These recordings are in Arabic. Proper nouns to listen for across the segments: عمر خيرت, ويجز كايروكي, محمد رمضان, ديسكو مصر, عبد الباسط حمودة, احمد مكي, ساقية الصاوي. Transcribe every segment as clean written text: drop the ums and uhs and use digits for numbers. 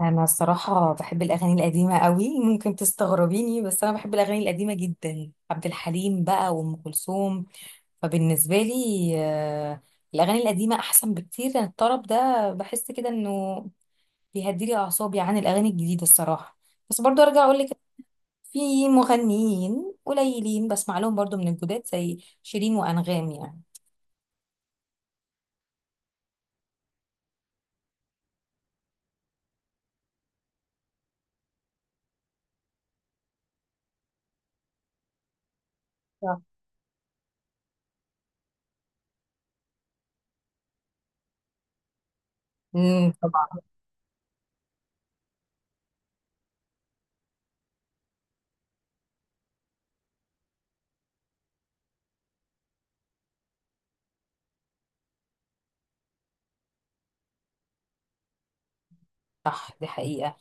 انا الصراحه بحب الاغاني القديمه قوي، ممكن تستغربيني بس انا بحب الاغاني القديمه جدا. عبد الحليم بقى وام كلثوم، فبالنسبه لي الاغاني القديمه احسن بكتير. يعني الطرب ده بحس كده انه بيهديلي اعصابي عن الاغاني الجديده الصراحه. بس برضو ارجع اقول لك، في مغنيين قليلين بسمع لهم برضو من الجداد زي شيرين وانغام يعني. صح. امم، طبعا. صح دي حقيقه،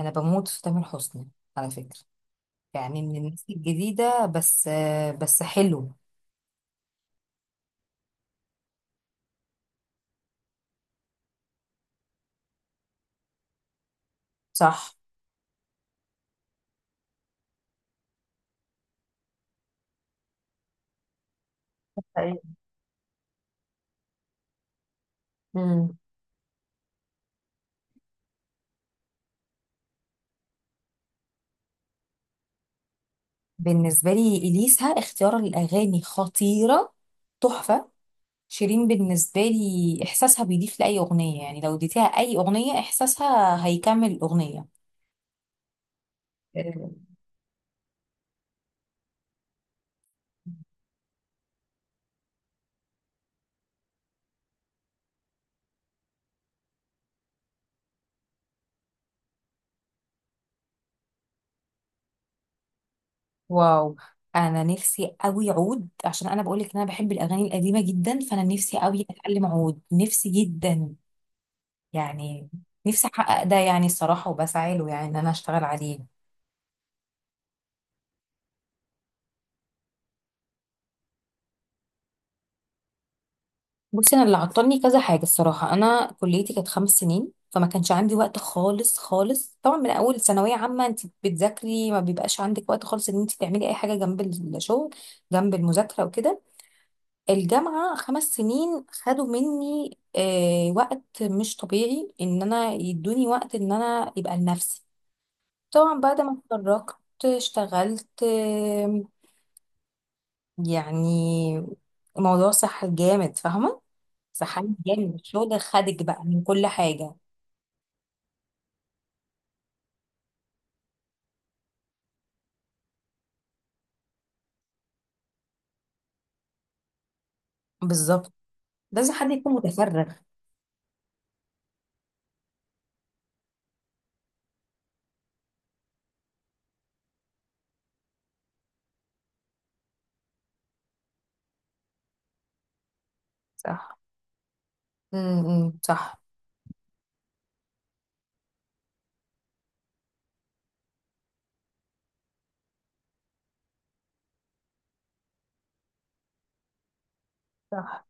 انا بموت في تامر حسني على فكره، يعني من الناس الجديدة. بس بس حلو. صح. حقيقي. مم. بالنسبة لي إليسا اختيار الأغاني خطيرة، تحفة. شيرين بالنسبة لي إحساسها بيضيف لأي أغنية، يعني لو اديتيها أي أغنية إحساسها هيكمل الأغنية. آه. واو، أنا نفسي أوي عود، عشان أنا بقولك إن أنا بحب الأغاني القديمة جدا، فأنا نفسي أوي أتعلم عود، نفسي جدا يعني. نفسي أحقق ده يعني الصراحة، وبسعى له يعني إن أنا أشتغل عليه. بصي انا اللي عطلني كذا حاجه الصراحه. انا كليتي كانت 5 سنين، فما كانش عندي وقت خالص خالص. طبعا من اول ثانويه عامه انت بتذاكري، ما بيبقاش عندك وقت خالص ان انت تعملي اي حاجه جنب الشغل، جنب المذاكره وكده. الجامعه 5 سنين خدوا مني وقت مش طبيعي، ان انا يدوني وقت ان انا يبقى لنفسي. طبعا بعد ما اتخرجت اشتغلت، يعني الموضوع صح جامد، فاهمه. زحام جامد من الشغل خدك بقى من كل حاجة. بالظبط، لازم حد يكون متفرغ. صح. امم، صح. صح.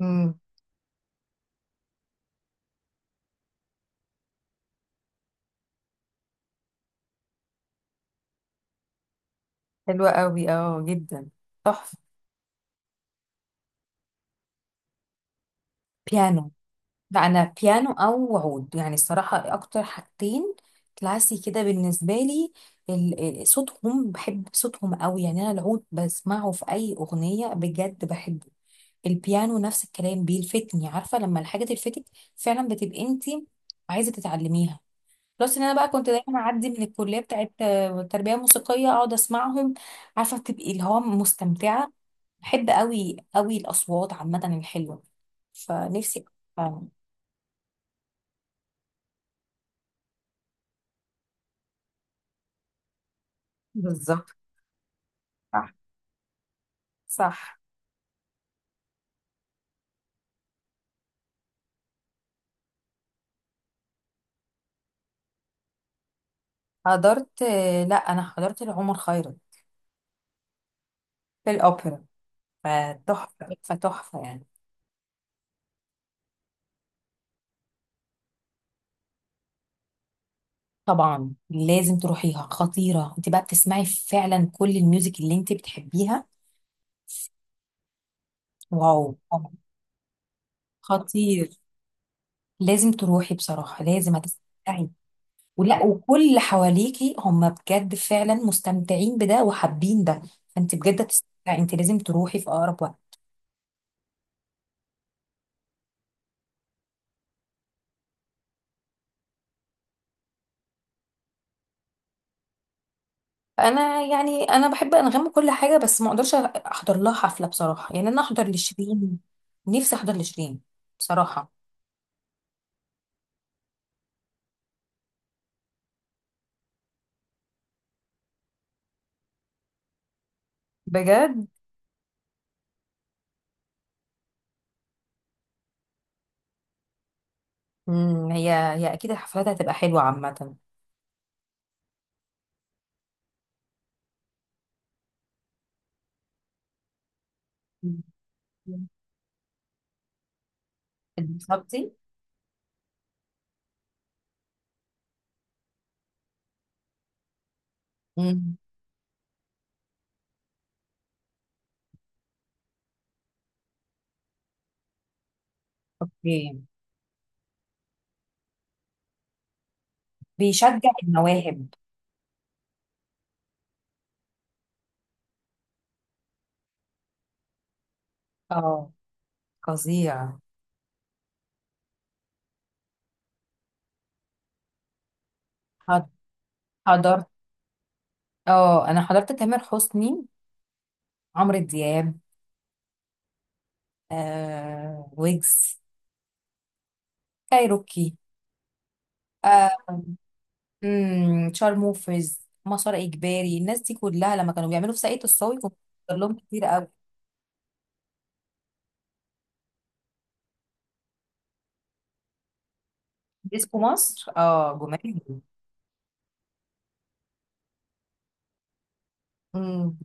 امم. حلوة قوي، اه جدا، تحفة. بيانو. لا انا بيانو او عود يعني الصراحة، اكتر حاجتين كلاسي كده بالنسبة لي. صوتهم، بحب صوتهم قوي. يعني انا العود بسمعه في اي اغنية بجد بحبه. البيانو نفس الكلام بيلفتني، عارفة لما الحاجة تلفتك فعلا بتبقي انتي عايزة تتعلميها. بلس ان انا بقى كنت دايما اعدي من الكليه بتاعت تربيه موسيقيه، اقعد اسمعهم. عارفه بتبقي اللي هو مستمتعه. بحب قوي قوي الاصوات عامه الحلوه، فنفسي. آه، بالظبط. صح. صح. حضرت، لا انا حضرت لعمر خيرت في الاوبرا، فتحفه، فتحفه يعني. طبعا لازم تروحيها، خطيره. انت بقى بتسمعي فعلا كل الميوزك اللي انت بتحبيها. واو، خطير. لازم تروحي بصراحه، لازم هتستمتعي. ولا وكل اللي حواليكي هم بجد فعلا مستمتعين بده وحابين ده، فانت بجد تستمتعي. انت لازم تروحي في اقرب وقت. انا يعني انا بحب انغام وكل حاجه، بس ما اقدرش احضر لها حفله بصراحه. يعني انا احضر لشيرين، نفسي احضر لشيرين بصراحه بجد. مم، هي هي اكيد الحفلات هتبقى حلوه عامه. بالظبطي. اوكي. بيشجع المواهب. اه، فظيع. حض- حضرت، اه انا حضرت تامر حسني، عمرو دياب، آه ويجز. كايروكي. آه. مم، شارموفرز، مسار اجباري، الناس دي كلها لما كانوا بيعملوا في ساقية الصاوي كنت بحضر لهم كتير قوي. ديسكو مصر، اه جمال. امم.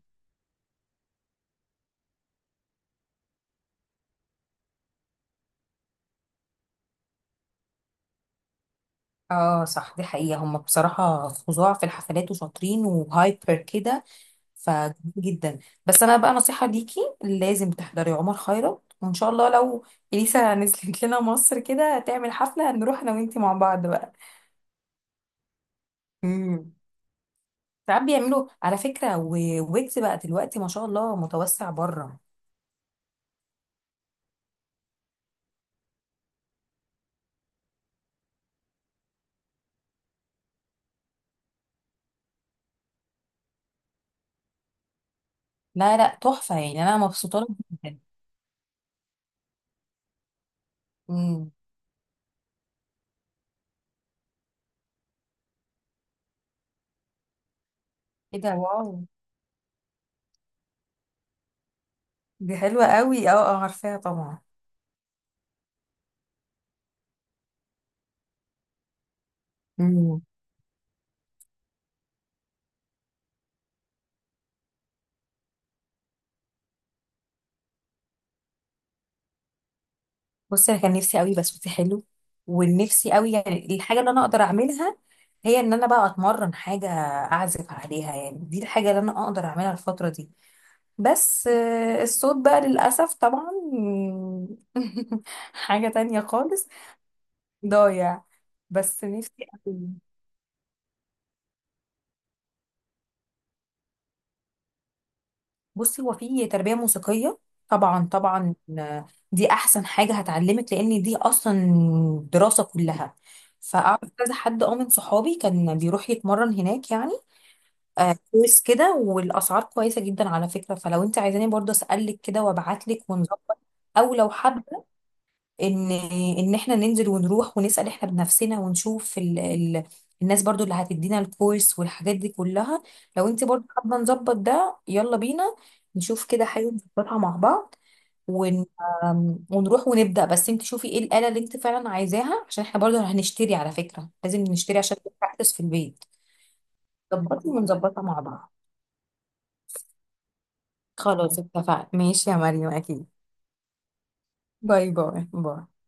اه صح، دي حقيقة هم بصراحة فظاع في الحفلات وشاطرين وهايبر كده، فجميل جدا. بس انا بقى نصيحة ليكي، لازم تحضري عمر خيرت. وان شاء الله لو اليسا نزلت لنا مصر كده تعمل حفلة، هنروح انا وانتي مع بعض بقى. مم. ساعات بيعملوا على فكرة، ويجز بقى دلوقتي ما شاء الله متوسع بره. لا لا، تحفة يعني، أنا مبسوطة له جدا. امم. ايه ده، واو، دي حلوة قوي، اه اه عارفاها طبعا. امم. بصي أنا كان نفسي قوي بس صوتي حلو، ونفسي قوي يعني الحاجة اللي أنا أقدر أعملها هي إن أنا بقى أتمرن حاجة أعزف عليها. يعني دي الحاجة اللي أنا أقدر أعملها الفترة دي. بس الصوت بقى للأسف طبعا حاجة تانية خالص. ضايع. بس نفسي أوي. بصي هو في تربية موسيقية، طبعا طبعا. دي احسن حاجة هتعلمك، لان دي اصلا دراسة كلها. فاعرف كذا حد اه من صحابي كان بيروح يتمرن هناك يعني. كويس كده. والاسعار كويسة جدا على فكرة، فلو انت عايزاني برضه اسألك كده وابعتلك ونظبط. او لو حد، ان ان احنا ننزل ونروح ونسال احنا بنفسنا ونشوف الناس برضو اللي هتدينا الكورس والحاجات دي كلها. لو انت برضو حابه نظبط ده، يلا بينا، نشوف كده حاجه نظبطها مع بعض. ون... ونروح ونبدا. بس انت شوفي ايه الاله اللي انت فعلا عايزاها، عشان احنا برضو هنشتري على فكره، لازم نشتري عشان نبراكتس في البيت. ظبطي ونظبطها مع بعض. خلاص اتفقنا ماشي يا مريم، اكيد. باي باي باي.